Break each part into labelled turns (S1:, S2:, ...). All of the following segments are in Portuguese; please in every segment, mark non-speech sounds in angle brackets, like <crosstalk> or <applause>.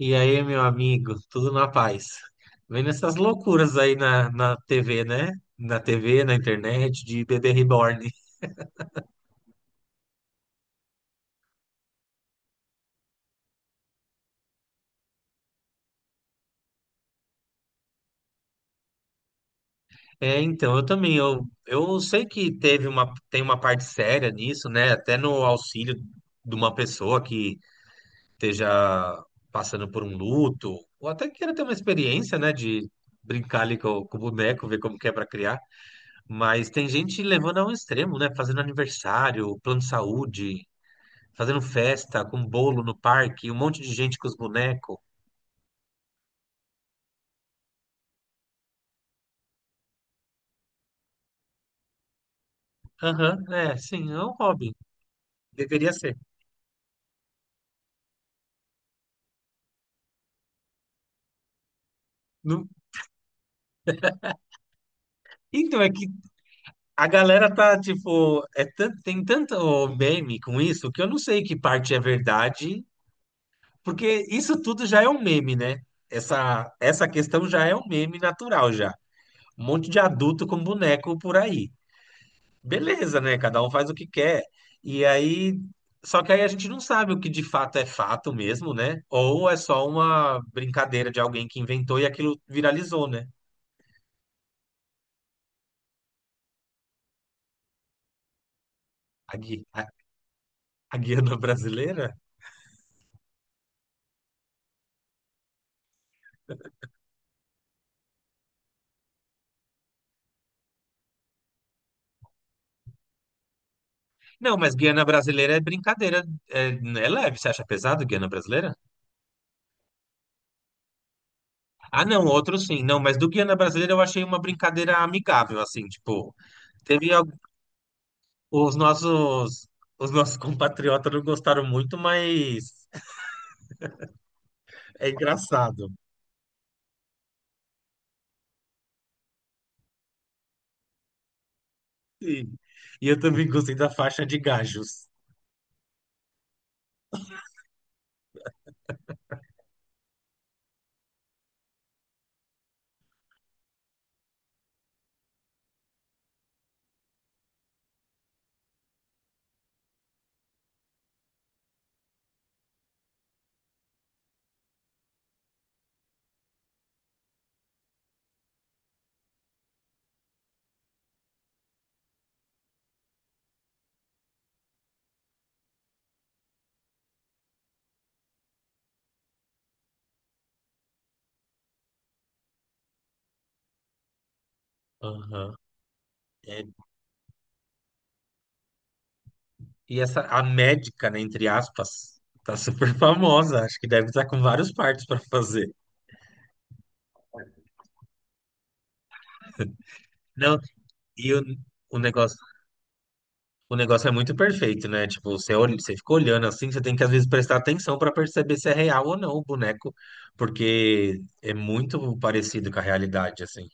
S1: E aí, meu amigo, tudo na paz. Vendo essas loucuras aí na TV, né? Na TV, na internet, de bebê reborn. É, então, eu também, eu sei que teve uma, tem uma parte séria nisso, né? Até no auxílio de uma pessoa que esteja passando por um luto, ou até queira ter uma experiência, né? De brincar ali com, com o boneco, ver como que é para criar. Mas tem gente levando ao extremo, né? Fazendo aniversário, plano de saúde, fazendo festa com bolo no parque, um monte de gente com os bonecos. Aham, é, sim, é um hobby. Deveria ser. Não. Então, é que a galera tá, tipo, tem tanto meme com isso que eu não sei que parte é verdade, porque isso tudo já é um meme, né? Essa questão já é um meme natural, já. Um monte de adulto com boneco por aí. Beleza, né? Cada um faz o que quer. E aí, só que aí a gente não sabe o que de fato é fato mesmo, né? Ou é só uma brincadeira de alguém que inventou e aquilo viralizou, né? A, gui- a, a Guiana brasileira? Não, mas Guiana brasileira é brincadeira, é, é leve. Você acha pesado Guiana brasileira? Ah, não, outro sim. Não, mas do Guiana brasileira eu achei uma brincadeira amigável, assim, tipo, teve al- os nossos os nossos compatriotas não gostaram muito, mas <laughs> é engraçado. Sim. E eu também gostei da faixa de gajos. Aham. É. E essa, a médica, né, entre aspas, tá super famosa. Acho que deve estar com vários partos para fazer. Não, e o, o negócio, o negócio é muito perfeito, né? Tipo, você olha, você fica olhando assim, você tem que às vezes prestar atenção para perceber se é real ou não o boneco, porque é muito parecido com a realidade, assim.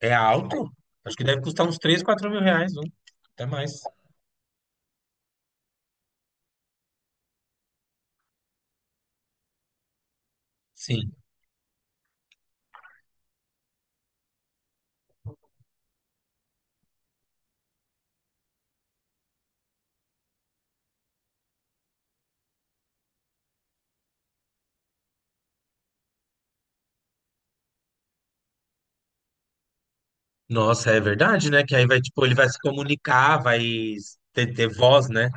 S1: É alto? Acho que deve custar uns 3 4 mil reais, não? Até mais. Sim. Nossa, é verdade, né? Que aí vai, tipo, ele vai se comunicar, vai ter voz, né?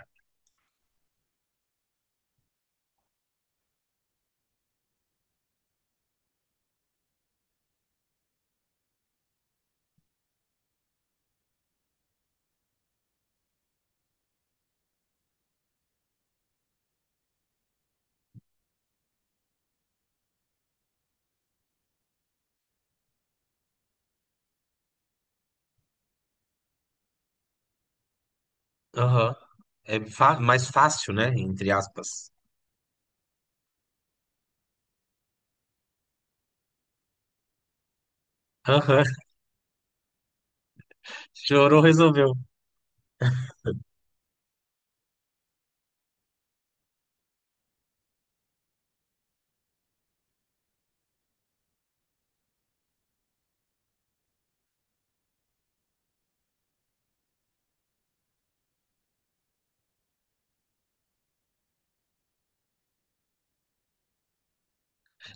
S1: Aham. Mais fácil, né? Entre aspas. Aham. <laughs> Chorou, resolveu.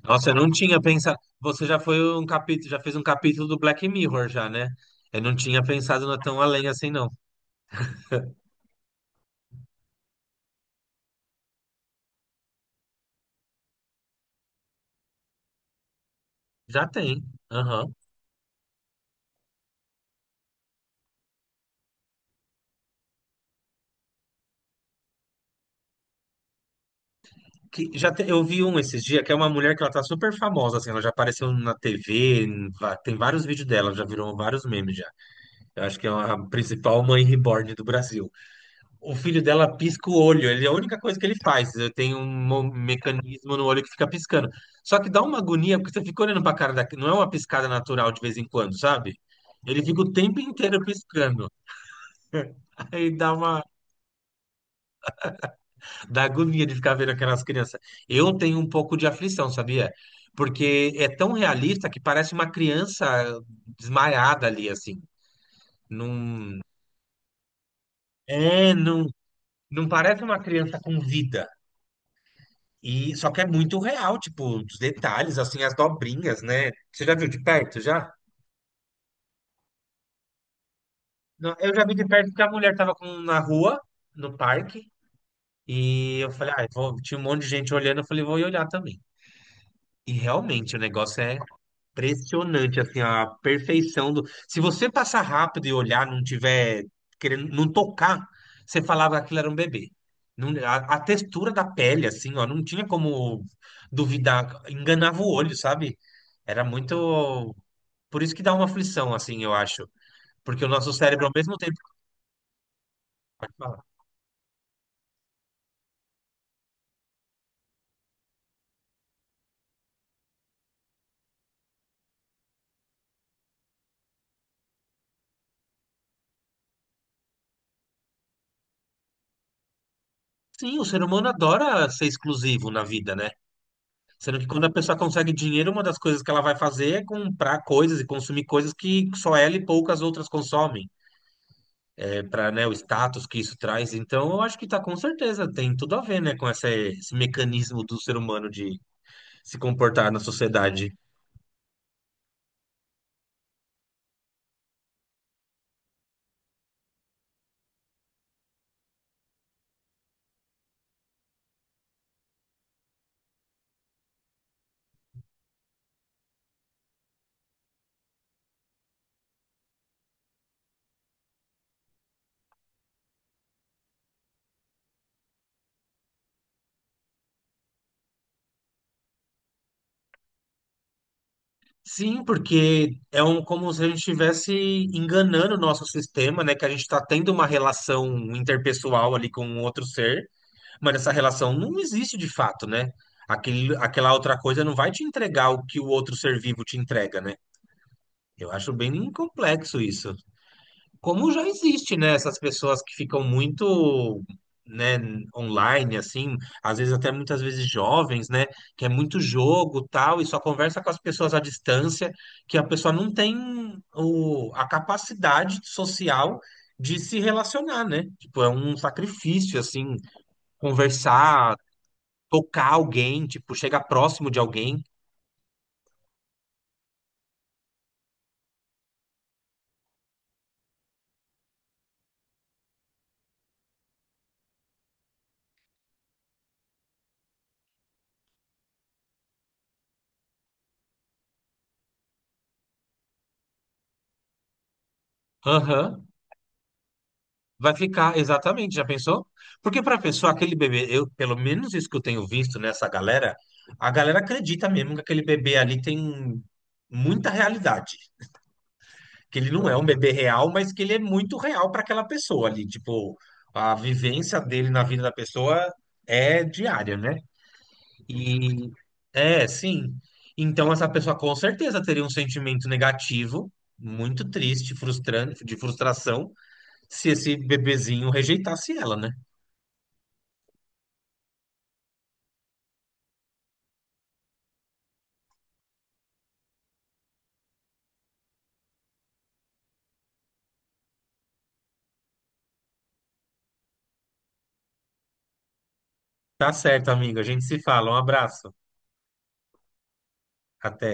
S1: Nossa, eu não tinha pensado. Você já foi um capítulo, já fez um capítulo do Black Mirror, já, né? Eu não tinha pensado na tão além assim, não. Já tem. Aham. Eu vi um esses dias, que é uma mulher que ela tá super famosa, assim, ela já apareceu na TV, tem vários vídeos dela, já virou vários memes já. Eu acho que é a principal mãe reborn do Brasil. O filho dela pisca o olho, ele é a única coisa que ele faz. Eu tenho um mecanismo no olho que fica piscando. Só que dá uma agonia, porque você fica olhando pra cara da... Não é uma piscada natural de vez em quando, sabe? Ele fica o tempo inteiro piscando. <laughs> Aí dá uma... Dá agonia de ficar vendo aquelas crianças. Eu tenho um pouco de aflição, sabia? Porque é tão realista que parece uma criança desmaiada ali, assim. Não... É, não... Não parece uma criança com vida. E só que é muito real, tipo, os detalhes, assim, as dobrinhas, né? Você já viu de perto, já? Não, eu já vi de perto porque a mulher tava com, na rua, no parque, e eu falei, ah, vou, tinha um monte de gente olhando, eu falei, vou ir olhar também. E realmente, o negócio é impressionante, assim, a perfeição do. Se você passar rápido e olhar, não tiver querendo, não tocar, você falava que aquilo era um bebê. A textura da pele, assim, ó, não tinha como duvidar, enganava o olho, sabe? Era muito. Por isso que dá uma aflição, assim, eu acho. Porque o nosso cérebro, ao mesmo tempo. Pode falar. Sim, o ser humano adora ser exclusivo na vida, né? Sendo que quando a pessoa consegue dinheiro, uma das coisas que ela vai fazer é comprar coisas e consumir coisas que só ela e poucas outras consomem, para, né, o status que isso traz. Então, eu acho que tá com certeza, tem tudo a ver, né, com esse mecanismo do ser humano de se comportar na sociedade. Sim, porque é um, como se a gente estivesse enganando o nosso sistema, né? Que a gente está tendo uma relação interpessoal ali com um outro ser, mas essa relação não existe de fato, né? Aquela outra coisa não vai te entregar o que o outro ser vivo te entrega, né? Eu acho bem complexo isso. Como já existe, né, essas pessoas que ficam muito, né, online, assim, às vezes até muitas vezes jovens, né, que é muito jogo, tal, e só conversa com as pessoas à distância, que a pessoa não tem a capacidade social de se relacionar, né? Tipo, é um sacrifício, assim, conversar, tocar alguém, tipo, chegar próximo de alguém. Aham. Vai ficar, exatamente, já pensou? Porque para a pessoa, aquele bebê, eu, pelo menos isso que eu tenho visto nessa galera, a galera acredita mesmo que aquele bebê ali tem muita realidade. Que ele não é um bebê real, mas que ele é muito real para aquela pessoa ali. Tipo, a vivência dele na vida da pessoa é diária, né? E é, sim. Então, essa pessoa com certeza teria um sentimento negativo, muito triste, frustrante, de frustração, se esse bebezinho rejeitasse ela, né? Tá certo, amigo. A gente se fala. Um abraço. Até.